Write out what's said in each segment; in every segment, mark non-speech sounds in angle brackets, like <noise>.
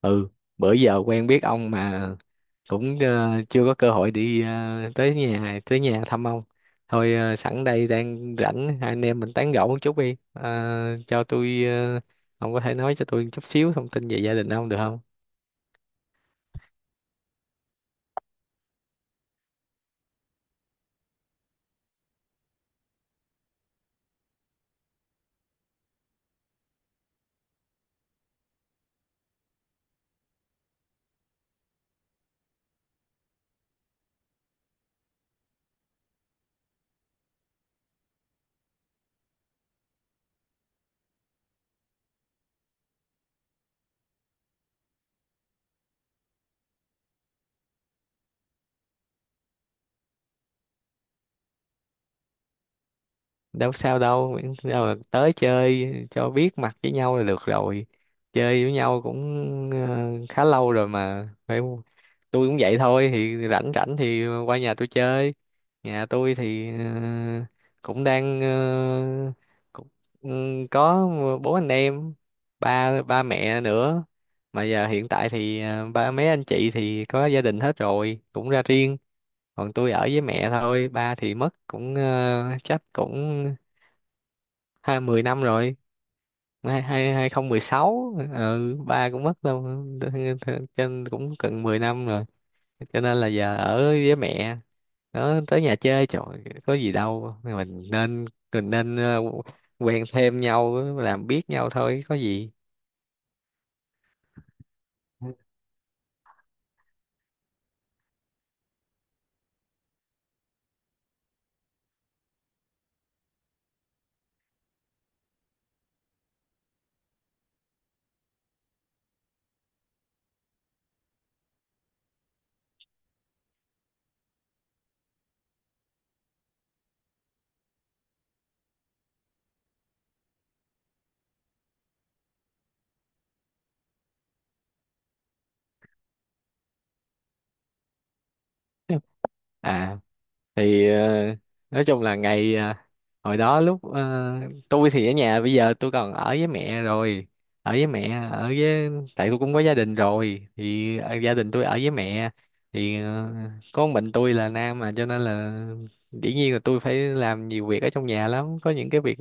Ừ, bữa giờ quen biết ông mà cũng chưa có cơ hội đi tới nhà thăm ông. Thôi, sẵn đây đang rảnh, hai anh em mình tán gẫu một chút đi. Ờ, cho tôi ờ, ông có thể nói cho tôi chút xíu thông tin về gia đình ông được không? Đâu sao đâu, miễn đâu là tới chơi cho biết mặt với nhau là được rồi. Chơi với nhau cũng khá lâu rồi mà, phải không? Tôi cũng vậy thôi, thì rảnh rảnh thì qua nhà tôi chơi. Nhà tôi thì cũng đang cũng, ừ, có bốn anh em, ba ba mẹ nữa. Mà giờ hiện tại thì ba mấy anh chị thì có gia đình hết rồi, cũng ra riêng. Còn tôi ở với mẹ thôi, ba thì mất cũng chắc cũng 20 năm rồi. 2016, ừ, ba cũng mất đâu trên cũng gần 10 năm rồi. Cho nên là giờ ở với mẹ. Nó tới nhà chơi trời, có gì đâu, mình nên quen thêm nhau làm biết nhau thôi, có gì. <laughs> À thì nói chung là ngày hồi đó lúc tôi thì ở nhà, bây giờ tôi còn ở với mẹ rồi, ở với mẹ, ở với. Tại tôi cũng có gia đình rồi thì gia đình tôi ở với mẹ. Thì có một mình tôi là nam mà cho nên là dĩ nhiên là tôi phải làm nhiều việc ở trong nhà lắm, có những cái việc.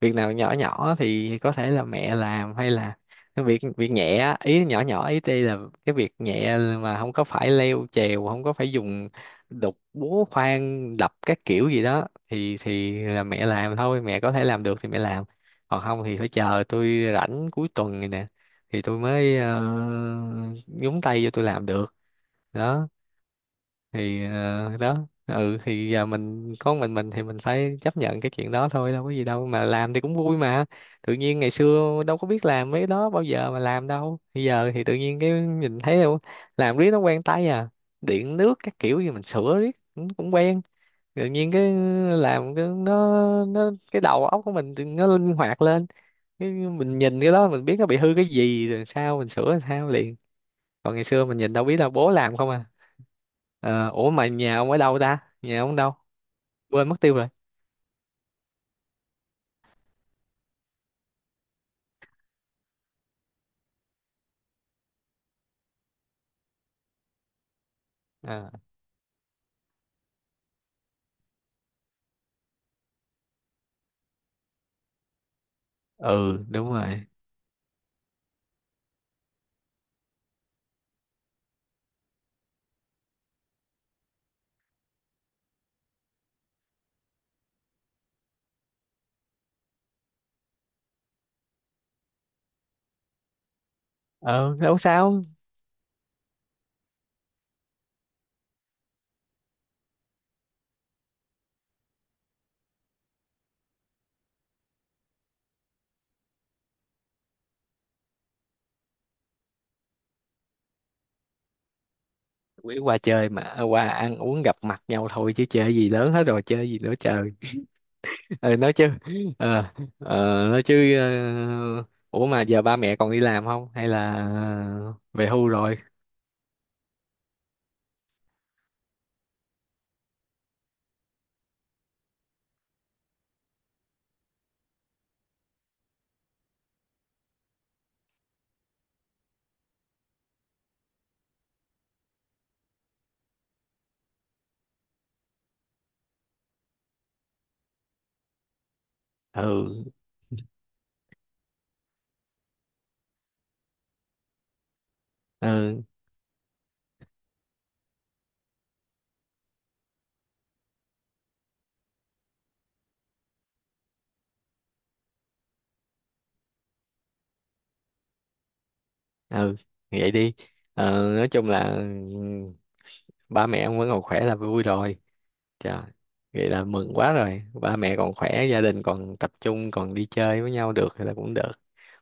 Việc nào nhỏ nhỏ thì có thể là mẹ làm, hay là cái việc việc nhẹ á, ý nhỏ nhỏ ý đây là cái việc nhẹ mà không có phải leo trèo, không có phải dùng đục búa khoan đập các kiểu gì đó, thì là mẹ làm thôi, mẹ có thể làm được thì mẹ làm. Còn không thì phải chờ tôi rảnh cuối tuần này nè, thì tôi mới nhúng tay vô, tôi làm được. Đó thì đó. Ừ, thì giờ mình có mình thì mình phải chấp nhận cái chuyện đó thôi, đâu có gì đâu, mà làm thì cũng vui mà. Tự nhiên ngày xưa đâu có biết làm mấy cái đó bao giờ mà làm đâu, bây giờ thì tự nhiên cái nhìn thấy đâu, làm riết nó quen tay à. Điện nước các kiểu gì mình sửa riết cũng cũng quen. Tự nhiên cái làm cái nó cái đầu óc của mình thì nó linh hoạt lên. Cái mình nhìn cái đó mình biết nó bị hư cái gì rồi, sao mình sửa làm sao liền. Còn ngày xưa mình nhìn đâu biết, là bố làm không à. Ủa mà nhà ông ở đâu ta? Nhà ông đâu? Quên mất tiêu rồi. À, ừ, đúng rồi. Ờ, Đâu sao. Quỷ qua chơi mà, qua ăn uống gặp mặt nhau thôi chứ chơi gì lớn hết rồi, chơi gì nữa trời. Ờ, nói chứ, ờ, nói chứ, ờ, ủa mà giờ ba mẹ còn đi làm không? Hay là về hưu rồi? Ừ, ừ, ừ, vậy đi. Nói chung là, ừ, ba mẹ ông vẫn còn khỏe là vui rồi. Trời, vậy là mừng quá rồi. Ba mẹ còn khỏe, gia đình còn tập trung, còn đi chơi với nhau được thì là cũng được.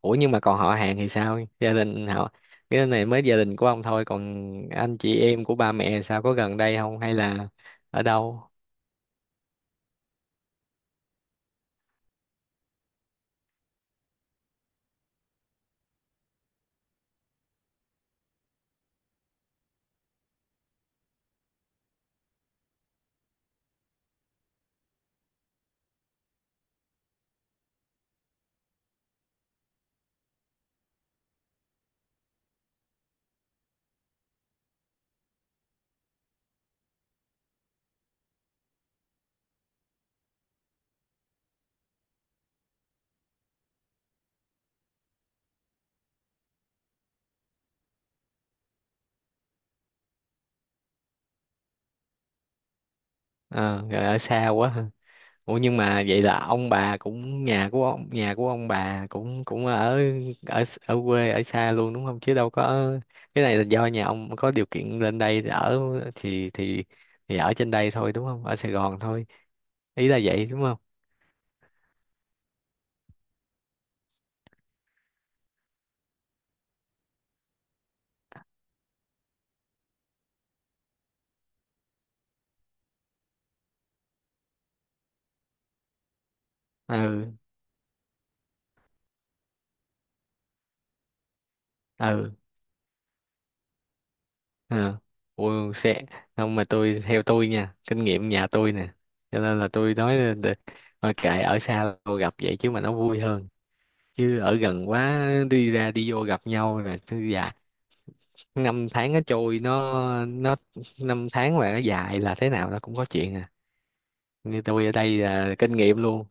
Ủa nhưng mà còn họ hàng thì sao? Gia đình họ, cái này mới gia đình của ông thôi, còn anh chị em của ba mẹ sao, có gần đây không hay là ở đâu? Ờ, Rồi ở xa quá. Ủa nhưng mà vậy là ông bà cũng, nhà của ông, nhà của ông bà cũng cũng ở ở ở quê, ở xa luôn đúng không, chứ đâu có. Cái này là do nhà ông có điều kiện lên đây để ở, thì thì thì ở trên đây thôi đúng không, ở Sài Gòn thôi, ý là vậy đúng không. Ừ, ừ, ừ. Ủa, sẽ không, mà tôi, theo tôi nha, kinh nghiệm nhà tôi nè. Cho nên là tôi nói là thôi kệ, ở xa tôi gặp vậy chứ mà nó vui hơn. Chứ ở gần quá, đi ra đi vô gặp nhau là, dạ, năm tháng nó trôi, nó năm tháng mà nó dài là thế nào nó cũng có chuyện à. Như tôi ở đây là kinh nghiệm luôn.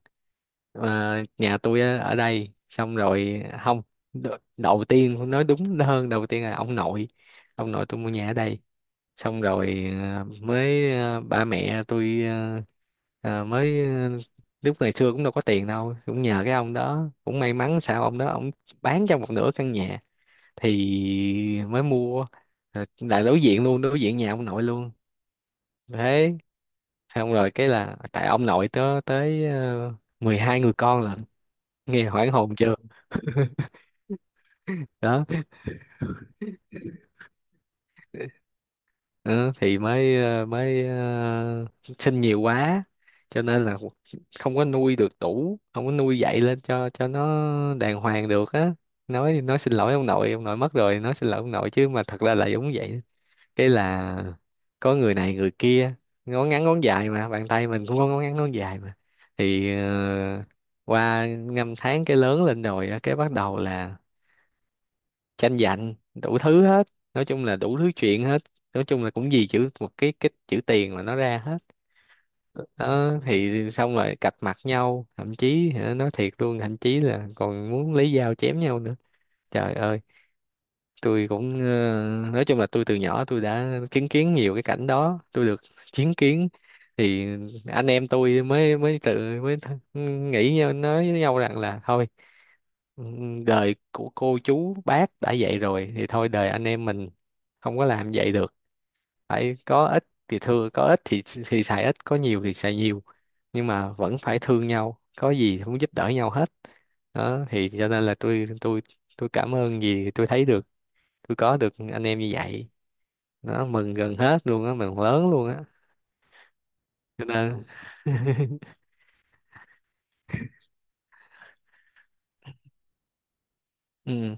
Ờ, Nhà tôi á, ở đây xong rồi không, đầu tiên, nói đúng hơn, đầu tiên là ông nội, ông nội tôi mua nhà ở đây. Xong rồi mới ba mẹ tôi, mới, lúc ngày xưa cũng đâu có tiền đâu, cũng nhờ cái ông đó, cũng may mắn sao ông đó ông bán cho một nửa căn nhà thì mới mua. Rồi là đối diện luôn, đối diện nhà ông nội luôn thế. Xong rồi cái là tại ông nội tớ tới uh, 12 người con lận. Nghe hoảng hồn chưa, đó. Ờ, thì mới sinh nhiều quá, cho nên là không có nuôi được đủ, không có nuôi dạy lên cho nó đàng hoàng được á. Nói xin lỗi ông nội, ông nội mất rồi nói xin lỗi ông nội, chứ mà thật ra là giống vậy. Cái là có người này người kia, ngón ngắn ngón dài mà, bàn tay mình cũng có ngón ngắn ngón dài mà. Thì qua năm tháng cái lớn lên rồi á, cái bắt đầu là tranh giành đủ thứ hết. Nói chung là đủ thứ chuyện hết. Nói chung là cũng vì chữ một cái chữ tiền mà nó ra hết. Đó thì xong rồi cạch mặt nhau, thậm chí hả, nói thiệt luôn, thậm chí là còn muốn lấy dao chém nhau nữa, trời ơi. Tôi cũng nói chung là tôi từ nhỏ tôi đã chứng kiến nhiều cái cảnh đó, tôi được chứng kiến. Thì anh em tôi mới mới tự, mới nói với nhau rằng là thôi. Ừ, đời của cô chú bác đã vậy rồi thì thôi, đời anh em mình không có làm vậy được. Phải có ít thì thưa, có ít thì xài ít, có nhiều thì xài nhiều. Nhưng mà vẫn phải thương nhau, có gì cũng giúp đỡ nhau hết. Đó thì cho nên là tôi cảm ơn vì tôi thấy được tôi có được anh em như vậy. Nó mừng gần hết luôn á, mừng lớn luôn á, cho nên ừ.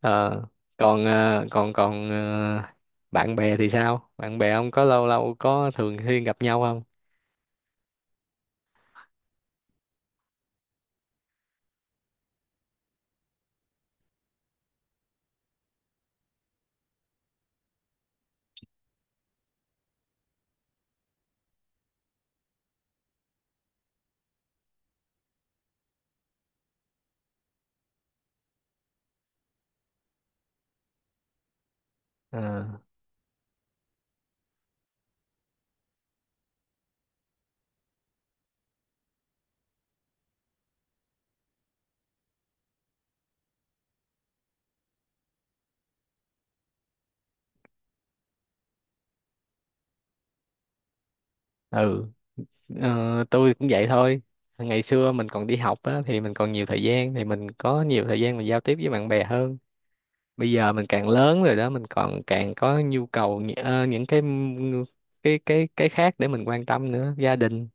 ờ, ờ, còn còn ờ, bạn bè thì sao, bạn bè ông có lâu lâu có thường xuyên gặp nhau không? Ờ, ừ. Ờ, tôi cũng vậy thôi. Ngày xưa mình còn đi học á thì mình còn nhiều thời gian, thì mình có nhiều thời gian mình giao tiếp với bạn bè hơn. Bây giờ mình càng lớn rồi đó, mình còn càng có nhu cầu những cái khác để mình quan tâm nữa, gia đình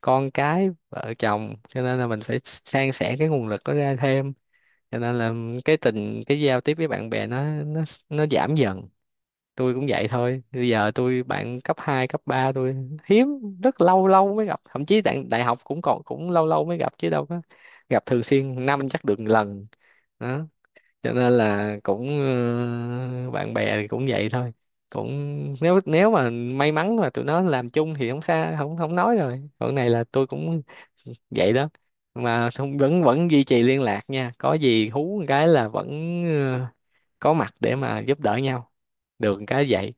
con cái vợ chồng, cho nên là mình phải san sẻ cái nguồn lực đó ra thêm. Cho nên là cái tình cái giao tiếp với bạn bè nó giảm dần. Tôi cũng vậy thôi, bây giờ tôi bạn cấp 2 cấp 3 tôi hiếm, rất lâu lâu mới gặp, thậm chí đại học cũng còn cũng lâu lâu mới gặp chứ đâu có gặp thường xuyên, năm chắc được một lần. Đó cho nên là cũng ờ, bạn bè thì cũng vậy thôi, cũng nếu nếu mà may mắn mà tụi nó làm chung thì không xa không không nói rồi, còn này là tôi cũng vậy đó. Mà không, vẫn vẫn duy trì liên lạc nha, có gì hú một cái là vẫn ờ, có mặt để mà giúp đỡ nhau được một cái vậy.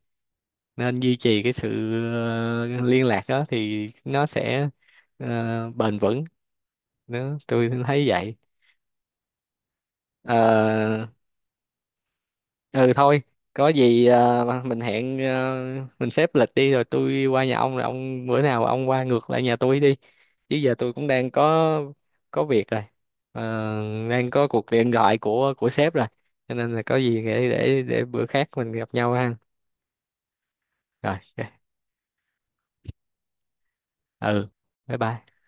Nên duy trì cái sự liên lạc đó thì nó sẽ bền vững. Đó tôi thấy vậy. Ờ, ừ thôi, có gì mình hẹn mình xếp lịch đi, rồi tôi qua nhà ông, rồi ông bữa nào ông qua ngược lại nhà tôi đi. Chứ giờ tôi cũng đang có việc rồi. Ờ, đang có cuộc điện thoại của sếp rồi, cho nên là có gì để bữa khác mình gặp nhau ha. Rồi, ok. Ừ, bye bye.